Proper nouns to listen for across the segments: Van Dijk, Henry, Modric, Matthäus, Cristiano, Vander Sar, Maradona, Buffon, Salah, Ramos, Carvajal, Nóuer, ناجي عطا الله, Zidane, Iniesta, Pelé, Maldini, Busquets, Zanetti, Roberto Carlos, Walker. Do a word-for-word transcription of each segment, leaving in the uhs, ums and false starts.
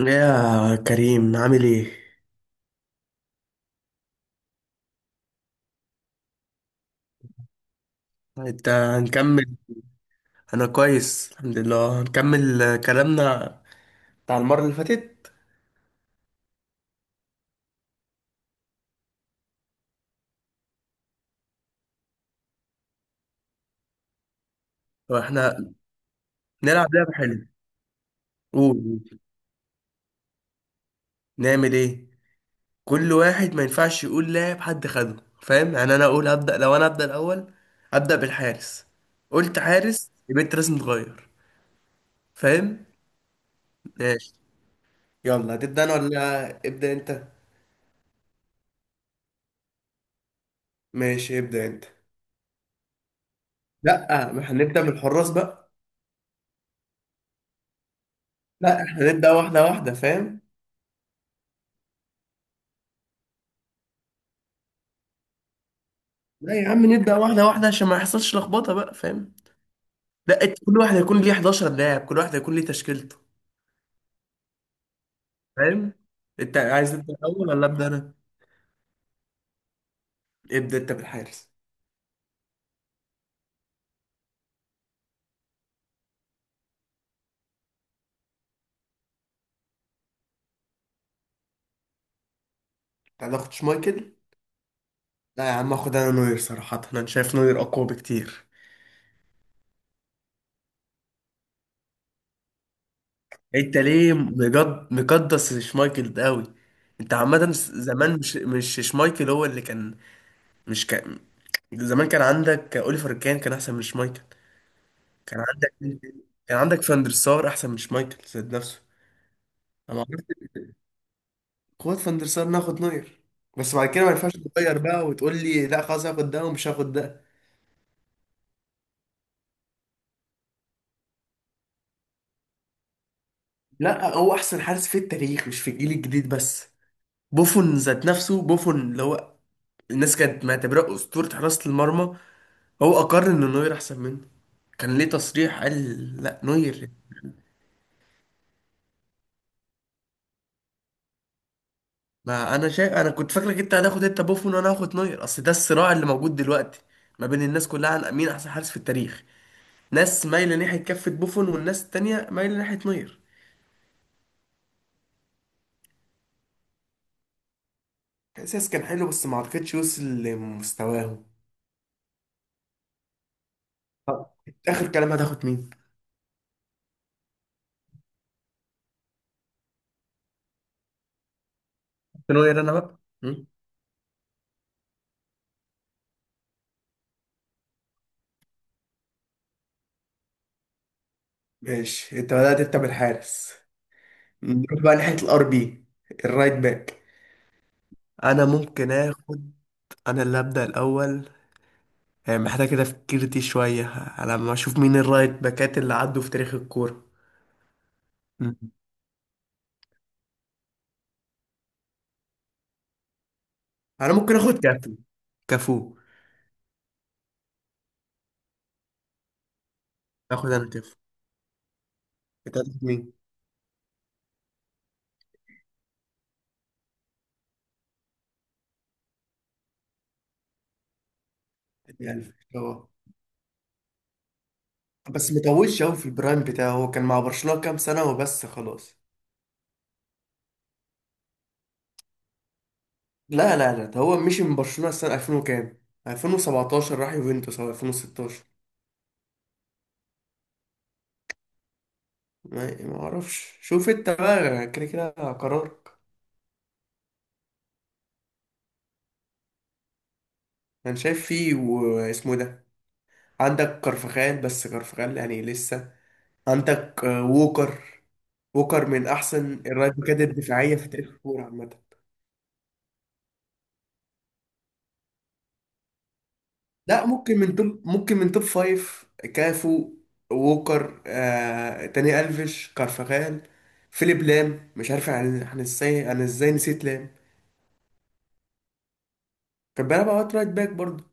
يا كريم، عامل ايه؟ انت هنكمل؟ انا كويس، الحمد لله. هنكمل كلامنا بتاع المرة اللي فاتت. واحنا نلعب لعبة حلوة. قول، نعمل ايه؟ كل واحد ما ينفعش يقول لاعب حد خده، فاهم؟ يعني انا اقول هبدأ، لو انا هبدأ الاول هبدأ بالحارس. قلت حارس يبقى انت لازم تغير، فاهم؟ ماشي. يلا، هتبدأ انا ولا ابدأ انت؟ ماشي، ابدأ انت. لا، ما هنبدأ من الحراس بقى. لا، احنا نبدأ واحدة واحدة، فاهم؟ لا يا عم، نبدأ واحدة واحدة عشان ما يحصلش لخبطة بقى، فاهم. لا، إت- كل واحد هيكون ليه 11 لاعب، كل واحد هيكون ليه تشكيلته، فاهم. انت عايز انت الاول ولا ابدا انا؟ ابدا انت بالحارس. انت هتاخد شمايكل؟ لا يا عم، اخد انا نوير. صراحة انا شايف نوير اقوى بكتير. انت ليه مجد مقدس؟ شمايكل ده قوي. انت عامة س- زمان مش مش شمايكل هو اللي كان. مش كان، زمان كان عندك اوليفر، كان كان احسن من شمايكل. كان عندك، كان عندك فاندر سار احسن من شمايكل ذات نفسه. انا قوات فاندر سار ناخد نوير. بس بعد كده ما ينفعش تغير بقى وتقول لي لا خلاص هاخد ده ومش هاخد ده. لا، هو احسن حارس في التاريخ، مش في الجيل الجديد بس. بوفون ذات نفسه، بوفون اللي هو الناس كانت معتبراه اسطوره حراسه المرمى، هو اقر ان نوير احسن منه. كان ليه تصريح قال، لا نوير. ما انا شايف، انا كنت فاكرك انت هتاخد انت بوفون وانا هاخد نوير، اصل ده الصراع اللي موجود دلوقتي ما بين الناس كلها عن مين احسن حارس في التاريخ. ناس مايله ناحيه كفه بوفون والناس التانيه مايله ناحيه نوير. احساس كان حلو بس ما عرفتش يوصل لمستواهم. آه، اخر كلام هتاخد مين؟ ثانوية انا بقى مم. ماشي، انت بدأت انت بالحارس. نروح بقى ناحية الار بي، الرايت باك. انا ممكن اخد. انا اللي ابدا الاول. آه، محتاج كده فكرتي شويه على ما اشوف مين الرايت باكات اللي عدوا في تاريخ الكوره. مم. انا ممكن اخد كافي، كفو. اخد انا كفو. انت هتاخد مين؟ يعني هو، بس مطولش قوي في البرايم بتاعه، هو كان مع برشلونة كام سنة وبس خلاص. لا لا لا، ده هو مشي من برشلونة السنة ألفين وكام، ألفين وسبعتاشر راح يوفنتوس او ألفين وستاشر. ما ما اعرفش، شوف انت بقى كده كده قرارك. انا شايف فيه واسمه ده، عندك كارفخال، بس كارفخال يعني لسه. عندك آه، ووكر. ووكر من احسن الرايت باكات الدفاعية في تاريخ الكورة عامة. لا، ممكن من توب، ممكن من توب فايف. كافو، ووكر، آه، تاني ألفيش، كارفخال، فيليب لام. مش عارف عن عن ازاي، انا ازاي نسيت لام. كان بيلعب اوقات رايت باك برضه.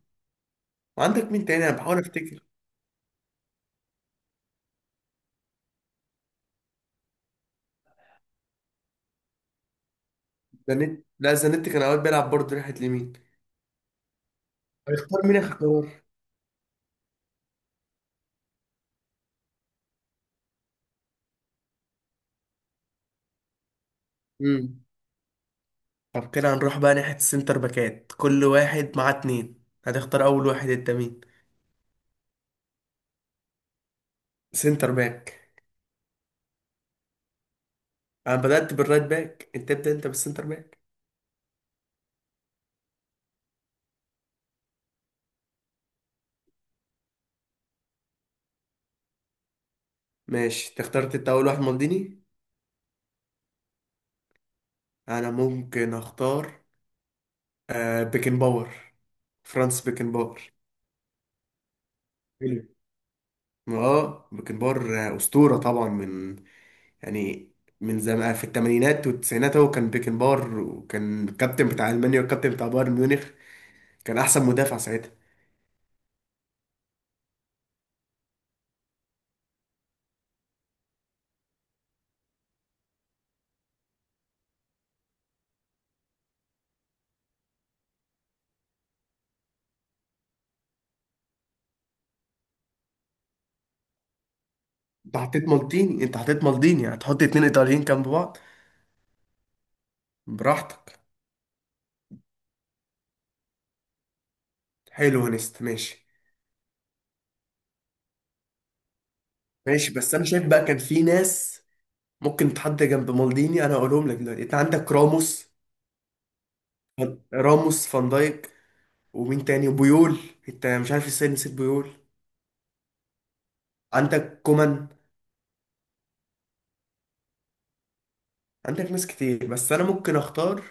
وعندك مين تاني؟ انا بحاول افتكر. زانيت لا زانيت كان اوقات بيلعب برضه ناحيه اليمين. هيختار مين؟ اختار. امم طب كده هنروح بقى ناحيه السنتر باكات، كل واحد معاه اتنين. هتختار اول واحد انت مين؟ سنتر باك. انا بدأت بالرايت باك، انت ابدأ انت بالسنتر باك. ماشي، انت اخترت انت اول واحد مالديني. انا ممكن اختار آه بيكن باور، فرانس بيكن باور. حلو. اه، بيكن باور آه، اسطورة طبعا، من يعني، من زمان في الثمانينات والتسعينات هو كان بيكنبار، وكان الكابتن بتاع المانيا والكابتن بتاع بايرن ميونخ. كان احسن مدافع ساعتها. انت حطيت مالديني، انت حطيت مالديني هتحط اتنين ايطاليين جنب بعض؟ براحتك. حلو يا نست، ماشي. ماشي، بس انا شايف بقى كان في ناس ممكن تحط جنب مالديني، انا هقولهم لك دلوقتي. انت عندك راموس، فان- راموس، فان دايك، ومين تاني، وبيول. انت مش عارف ازاي نسيت بيول؟ عندك كومان، عندك ناس كتير، بس انا ممكن اختار.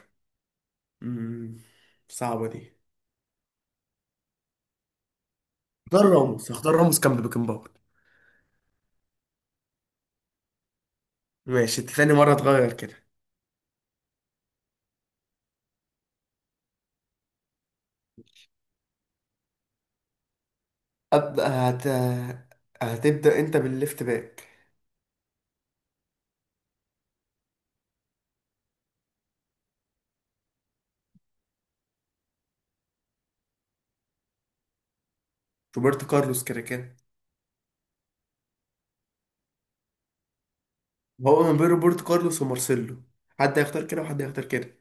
مم، صعبة دي. اختار راموس، اختار راموس كان ببيكنباور. ماشي، انت تاني مرة تغير كده. أبدأ هت... هتبدأ أنت بالليفت باك. روبرتو كارلوس كده كده. هو من بين روبرتو كارلوس ومارسيلو. حد هيختار كده وحد هيختار كده.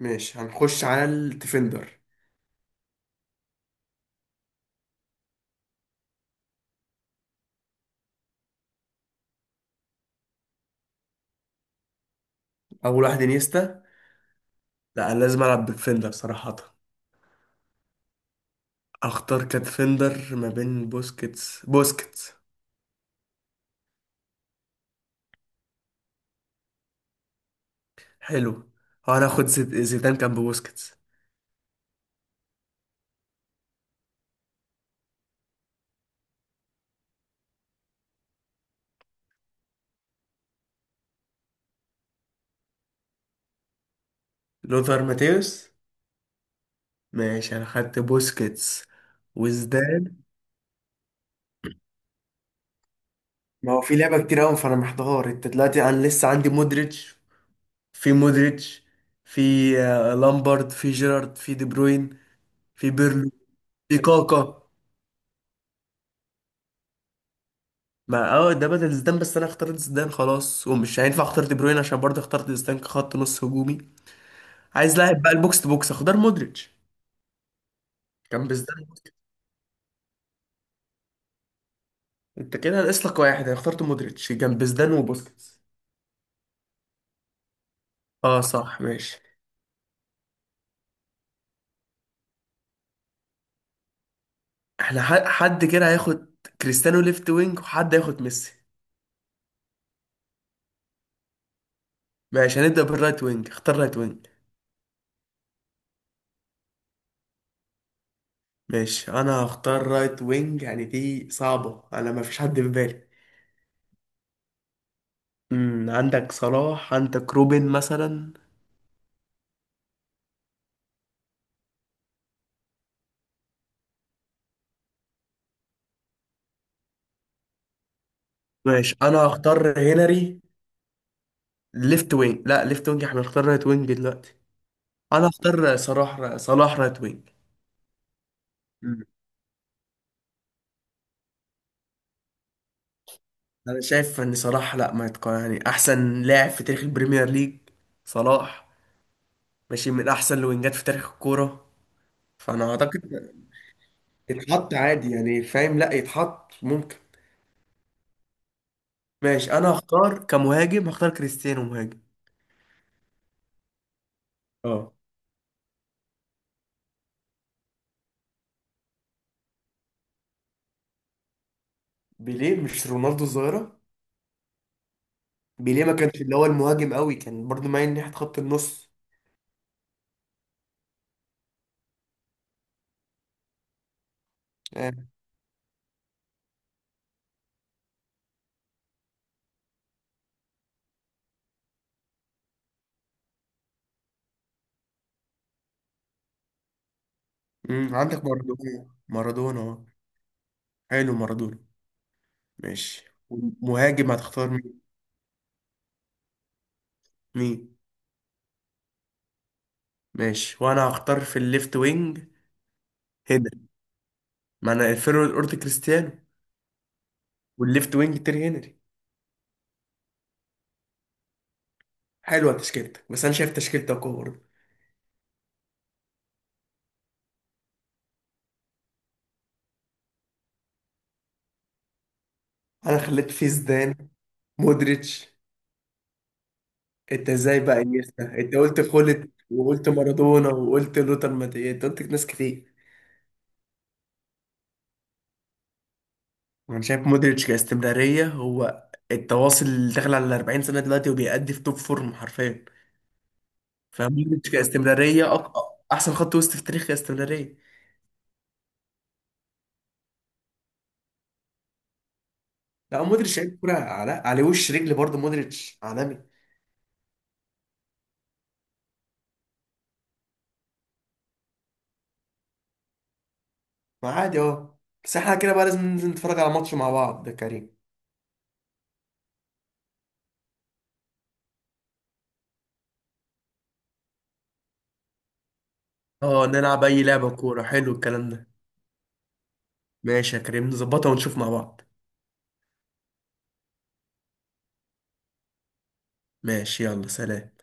ماشي، هنخش على الديفندر. اول واحد انيستا. لا، أنا لازم العب بالديفندر صراحة. اختار كديفندر ما بين بوسكيتس بوسكيتس. حلو. هناخد زيد- زيدان، كان ببوسكيتس. لوثر ماتيوس. ماشي، انا خدت بوسكيتس وزدان. ما هو في لعبة كتير قوي، فانا محتار انت دلوقتي. انا لسه عندي مودريتش، في مودريتش، في آه، لامبارد، في جيرارد، في دي بروين، في بيرلو، في كاكا. ما اه، ده بدل زيدان، بس انا اخترت زيدان خلاص، ومش هينفع اختار دي بروين عشان برضه اخترت زيدان كخط نص هجومي. عايز لاعب بقى البوكس تو بوكس، اختار مودريتش جنب زيدان وبوسكيتس. انت كده ناقص لك واحد. انا اخترت مودريتش جنب زيدان وبوسكيتس. اه صح، ماشي. احنا ح- حد كده هياخد كريستيانو ليفت وينج وحد هياخد ميسي. ماشي، هنبدأ بالرايت وينج. اختار رايت وينج. ماشي، انا هختار رايت وينج. يعني دي صعبة، انا ما فيش حد في بالي. امم عندك صلاح، عندك روبن مثلا. ماشي، انا هختار هنري. ليفت وينج، لا، ليفت وينج احنا هنختار رايت وينج دلوقتي. انا هختار صلاح، صلاح رايت وينج. مم. انا شايف ان صلاح، لا، ما يتق... يعني احسن لاعب في تاريخ البريمير ليج صلاح. ماشي، من احسن الوينجات في تاريخ الكورة. فانا اعتقد يتحط عادي، يعني فاهم، لا يتحط ممكن. ماشي، انا هختار كمهاجم، هختار كريستيانو مهاجم. اه. بيليه مش رونالدو الظاهرة؟ بيليه ما كانش اللي هو المهاجم قوي، كان برضو مايل ناحية خط النص. آه. مم، عندك مارادونا. مارادونا، اه. حلو، مارادونا. ماشي. مهاجم هتختار مين؟ مين؟ ماشي، وانا هختار في الليفت وينج هنري. ما انا الفيرو الاورت كريستيانو، والليفت وينج تيري هنري. حلوة تشكيلتك، بس انا شايف تشكيلتك أقوى برضه. انا خليت فيه زيدان، مودريتش. انت ازاي بقى انيستا؟ انت قلت خلت، وقلت مارادونا، وقلت لوتر ماتياس، انت قلت ناس كتير. وانا شايف مودريتش كاستمرارية، هو التواصل اللي داخل على 40 سنة دلوقتي وبيأدي في توب فورم حرفيا. فمودريتش كاستمرارية أق... احسن خط وسط في تاريخ كاستمرارية. لا، مودريتش لعيب كورة على... على وش رجل برضه. مودريتش عالمي. ما عادي اهو. بس احنا كده بقى لازم ننزل نتفرج على ماتش مع بعض يا كريم. اه، نلعب اي لعبة كورة. حلو الكلام ده. ماشي يا كريم، نظبطها ونشوف مع بعض. ماشي، يلا سلام.